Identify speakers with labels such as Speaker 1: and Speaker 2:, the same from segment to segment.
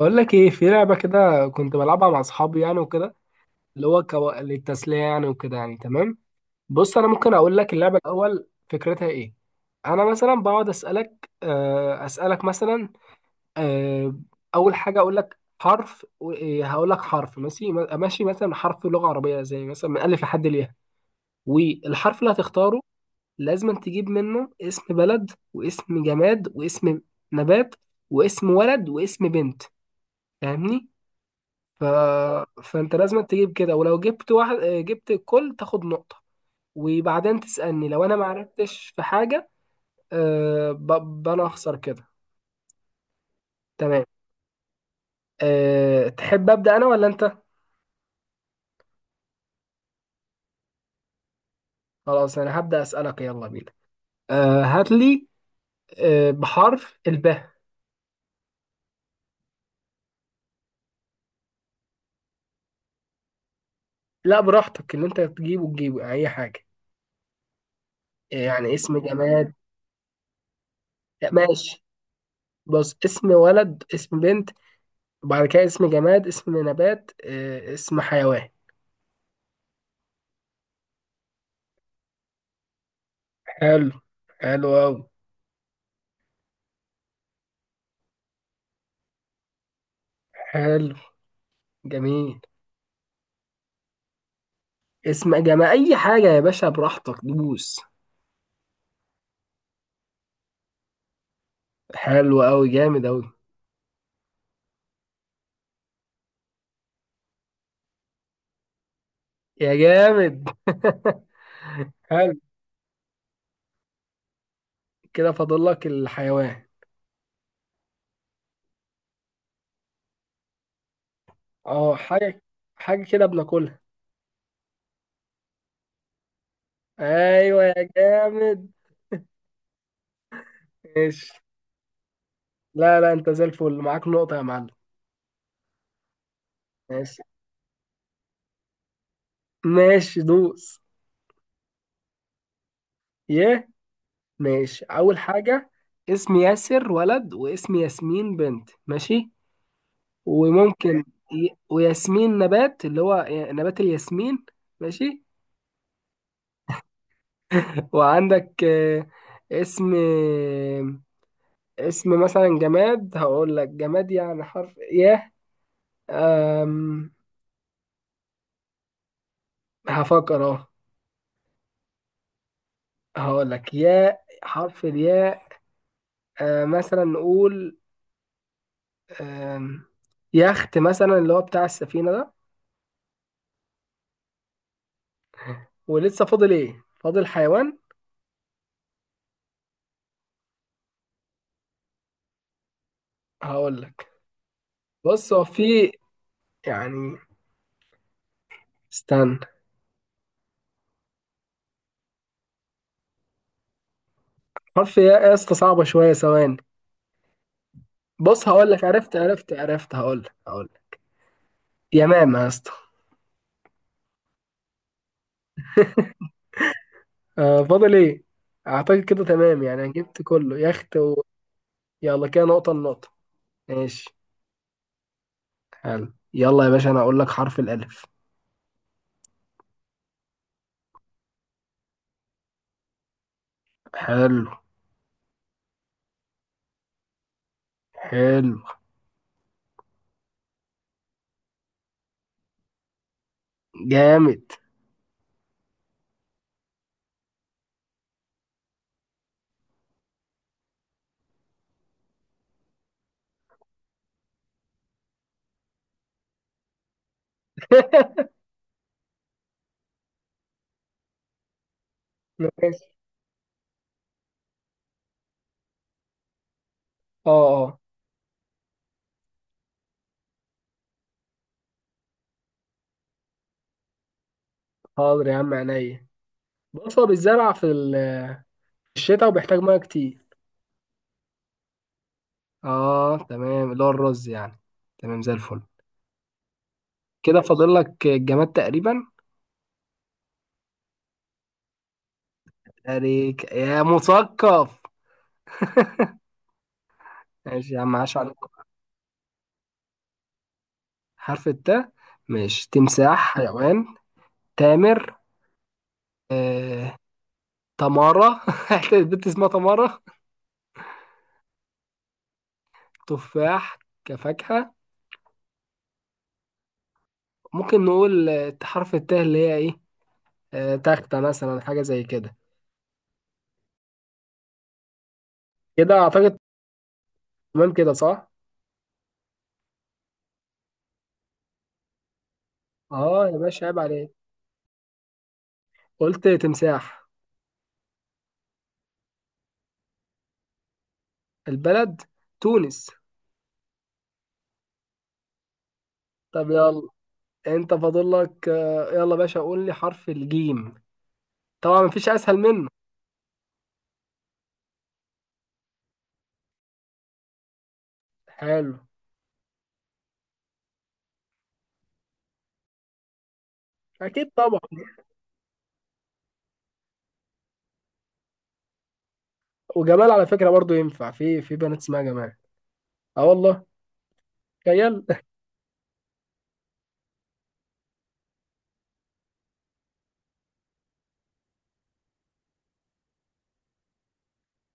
Speaker 1: بقول لك ايه في لعبه كده كنت بلعبها مع اصحابي يعني وكده. اللي هو للتسليه يعني وكده يعني تمام. بص انا ممكن اقول لك اللعبه الاول فكرتها ايه؟ انا مثلا بقعد اسالك اسالك مثلا. آه، اول حاجه اقول لك حرف و- إيه، هقول لك حرف ماشي ماشي مثلا، حرف لغه عربيه زي مثلا من الف لحد الياء. والحرف اللي هتختاره لازم تجيب منه اسم بلد واسم جماد واسم نبات واسم ولد واسم بنت، فاهمني؟ ف... فانت لازم تجيب كده، ولو جبت واحد جبت الكل تاخد نقطة. وبعدين تسألني لو انا ما عرفتش في حاجة. آه، ب... انا اخسر كده. تمام. تحب ابدأ انا ولا انت؟ خلاص انا هبدأ اسألك، يلا بينا. هات لي بحرف الباء. لا براحتك، اللي انت تجيبه تجيبه اي حاجة، يعني اسم جماد. لا، ماشي. بص، اسم ولد، اسم بنت، وبعد كده اسم جماد، اسم نبات، اسم حيوان. حلو، حلو أوي. حلو، جميل. اسم جمع اي حاجه يا باشا، براحتك دوس. حلو قوي، جامد قوي. يا جامد. حلو. كده فاضل لك الحيوان. اه، حاجه، حاجه كده بناكلها. ايوه يا جامد. ماشي. لا لا، انت زي الفل، معاك نقطه يا معلم. ماشي، ماشي دوس. يه، ماشي، اول حاجه اسم ياسر ولد، واسم ياسمين بنت، ماشي. وممكن وياسمين نبات، اللي هو نبات الياسمين. ماشي. وعندك اسم اسم مثلا جماد، هقول لك جماد يعني حرف ياء. أم... هفكر اهو. هقول لك ياء، حرف الياء. مثلا نقول آم، يخت مثلا، اللي هو بتاع السفينة ده. ولسه فاضل ايه؟ فاضل حيوان. هقول لك، بص هو في، يعني استنى. حرف ياء يا اسطى، صعبة شوية، ثواني. بص هقول لك، عرفت عرفت عرفت، هقول لك هقول لك. يا ماما يا اسطى. فاضل ايه؟ اعتقد كده تمام، يعني أنا جبت كله يخت يلا كده نقطة، النقطة ماشي. حلو، يلا يا باشا انا اقول لك حرف الالف. حلو، حلو، جامد. ماشي. اه اه، حاضر يا عم عينيا. بص هو بيتزرع في الشتاء وبيحتاج ميه كتير. اه تمام، اللي هو الرز يعني. تمام، زي الفل. كده فاضل لك الجماد تقريبا. عليك يا مثقف. ماشي يا عم، عاش عليك. حرف التاء، ماشي، تمساح حيوان، تامر، آه... تمارة. البنت اسمها تمارة. تفاح كفاكهة. ممكن نقول حرف التاء اللي هي ايه، تختة مثلا، حاجة زي كده. كده اعتقد تمام، كده صح. اه يا باشا، عيب عليك، قلت تمساح. البلد تونس. طب يلا، انت فاضل لك يلا باشا، قول لي حرف الجيم، طبعا مفيش اسهل منه. حلو، اكيد طبعا. وجمال على فكرة برضو ينفع، في بنات اسمها جمال. اه والله، تخيل.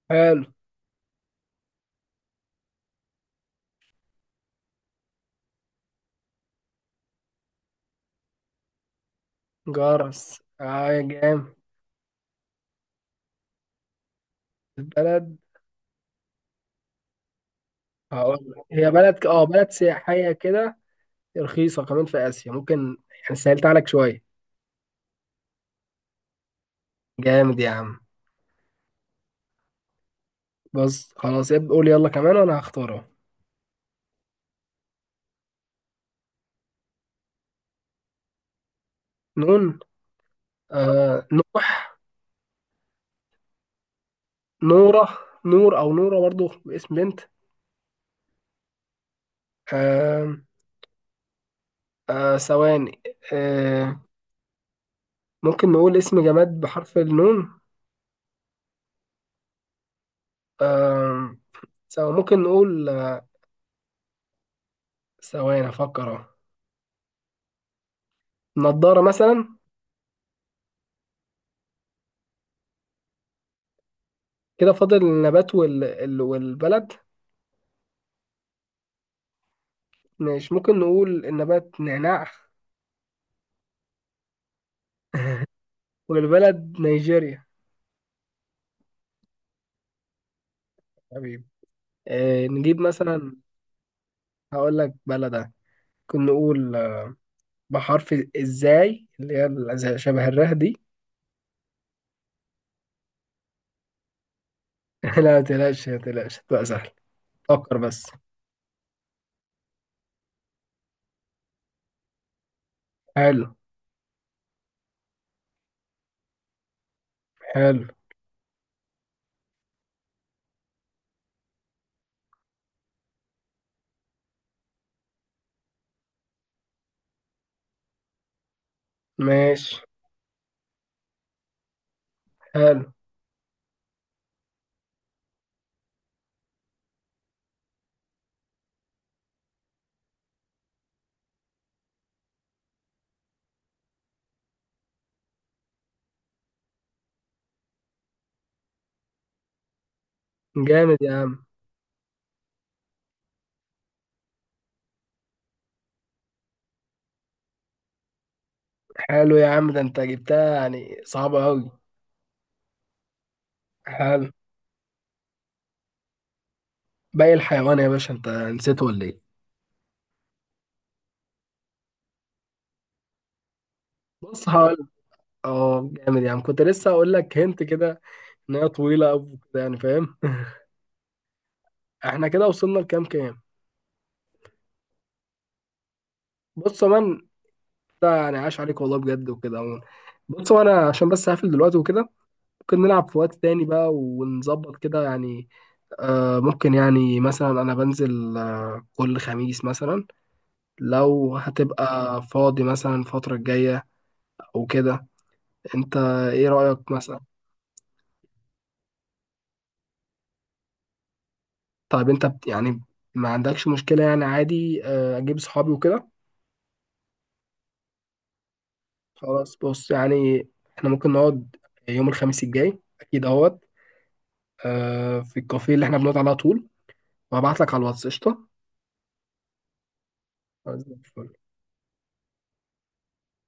Speaker 1: حلو، جرس، اه يا جام. البلد، هقول لك هي بلد اه بلد سياحية كده، رخيصة كمان في آسيا ممكن، يعني سهلت عليك شوية. جامد يا عم. بص خلاص قول يلا كمان وانا هختارها. نون، آه نوح، نورة، نور او نورة برضو باسم بنت. آه ثواني، آه ممكن نقول اسم جماد بحرف النون، آه سواء ممكن نقول، ثواني افكر اهو، نضارة مثلا. كده فاضل النبات والبلد. مش ممكن نقول النبات نعناع، والبلد نيجيريا. حبيبي. نجيب مثلا، هقول لك بلدة، ممكن نقول بحرف ازاي اللي هي شبه الره دي. لا، متقلقش متقلقش هتبقى سهل، فكر بس. حلو، حلو، ماشي، حلو، جامد يا عم. حلو يا عم، ده انت جبتها يعني صعبة أوي. حلو. باقي الحيوان يا باشا، انت نسيته ولا ايه؟ بص هقول، اه جامد، يعني كنت لسه هقول لك هنت كده، ان هي طويله او كده يعني، فاهم؟ احنا كده وصلنا لكام؟ كام؟ بص يا مان، ده يعني عاش عليك والله بجد وكده عموما. بص، وانا عشان بس هقفل دلوقتي وكده، ممكن نلعب في وقت تاني بقى ونظبط كده يعني. آه ممكن، يعني مثلا انا بنزل كل خميس مثلا، لو هتبقى فاضي مثلا الفتره الجايه او كده، انت ايه رايك مثلا؟ طيب، انت يعني ما عندكش مشكله يعني، عادي اجيب صحابي وكده. خلاص، بص يعني احنا ممكن نقعد يوم الخميس الجاي اكيد اهوت في الكافيه اللي احنا بنقعد على طول، وهبعت لك على الواتس قشطه. زي الفل.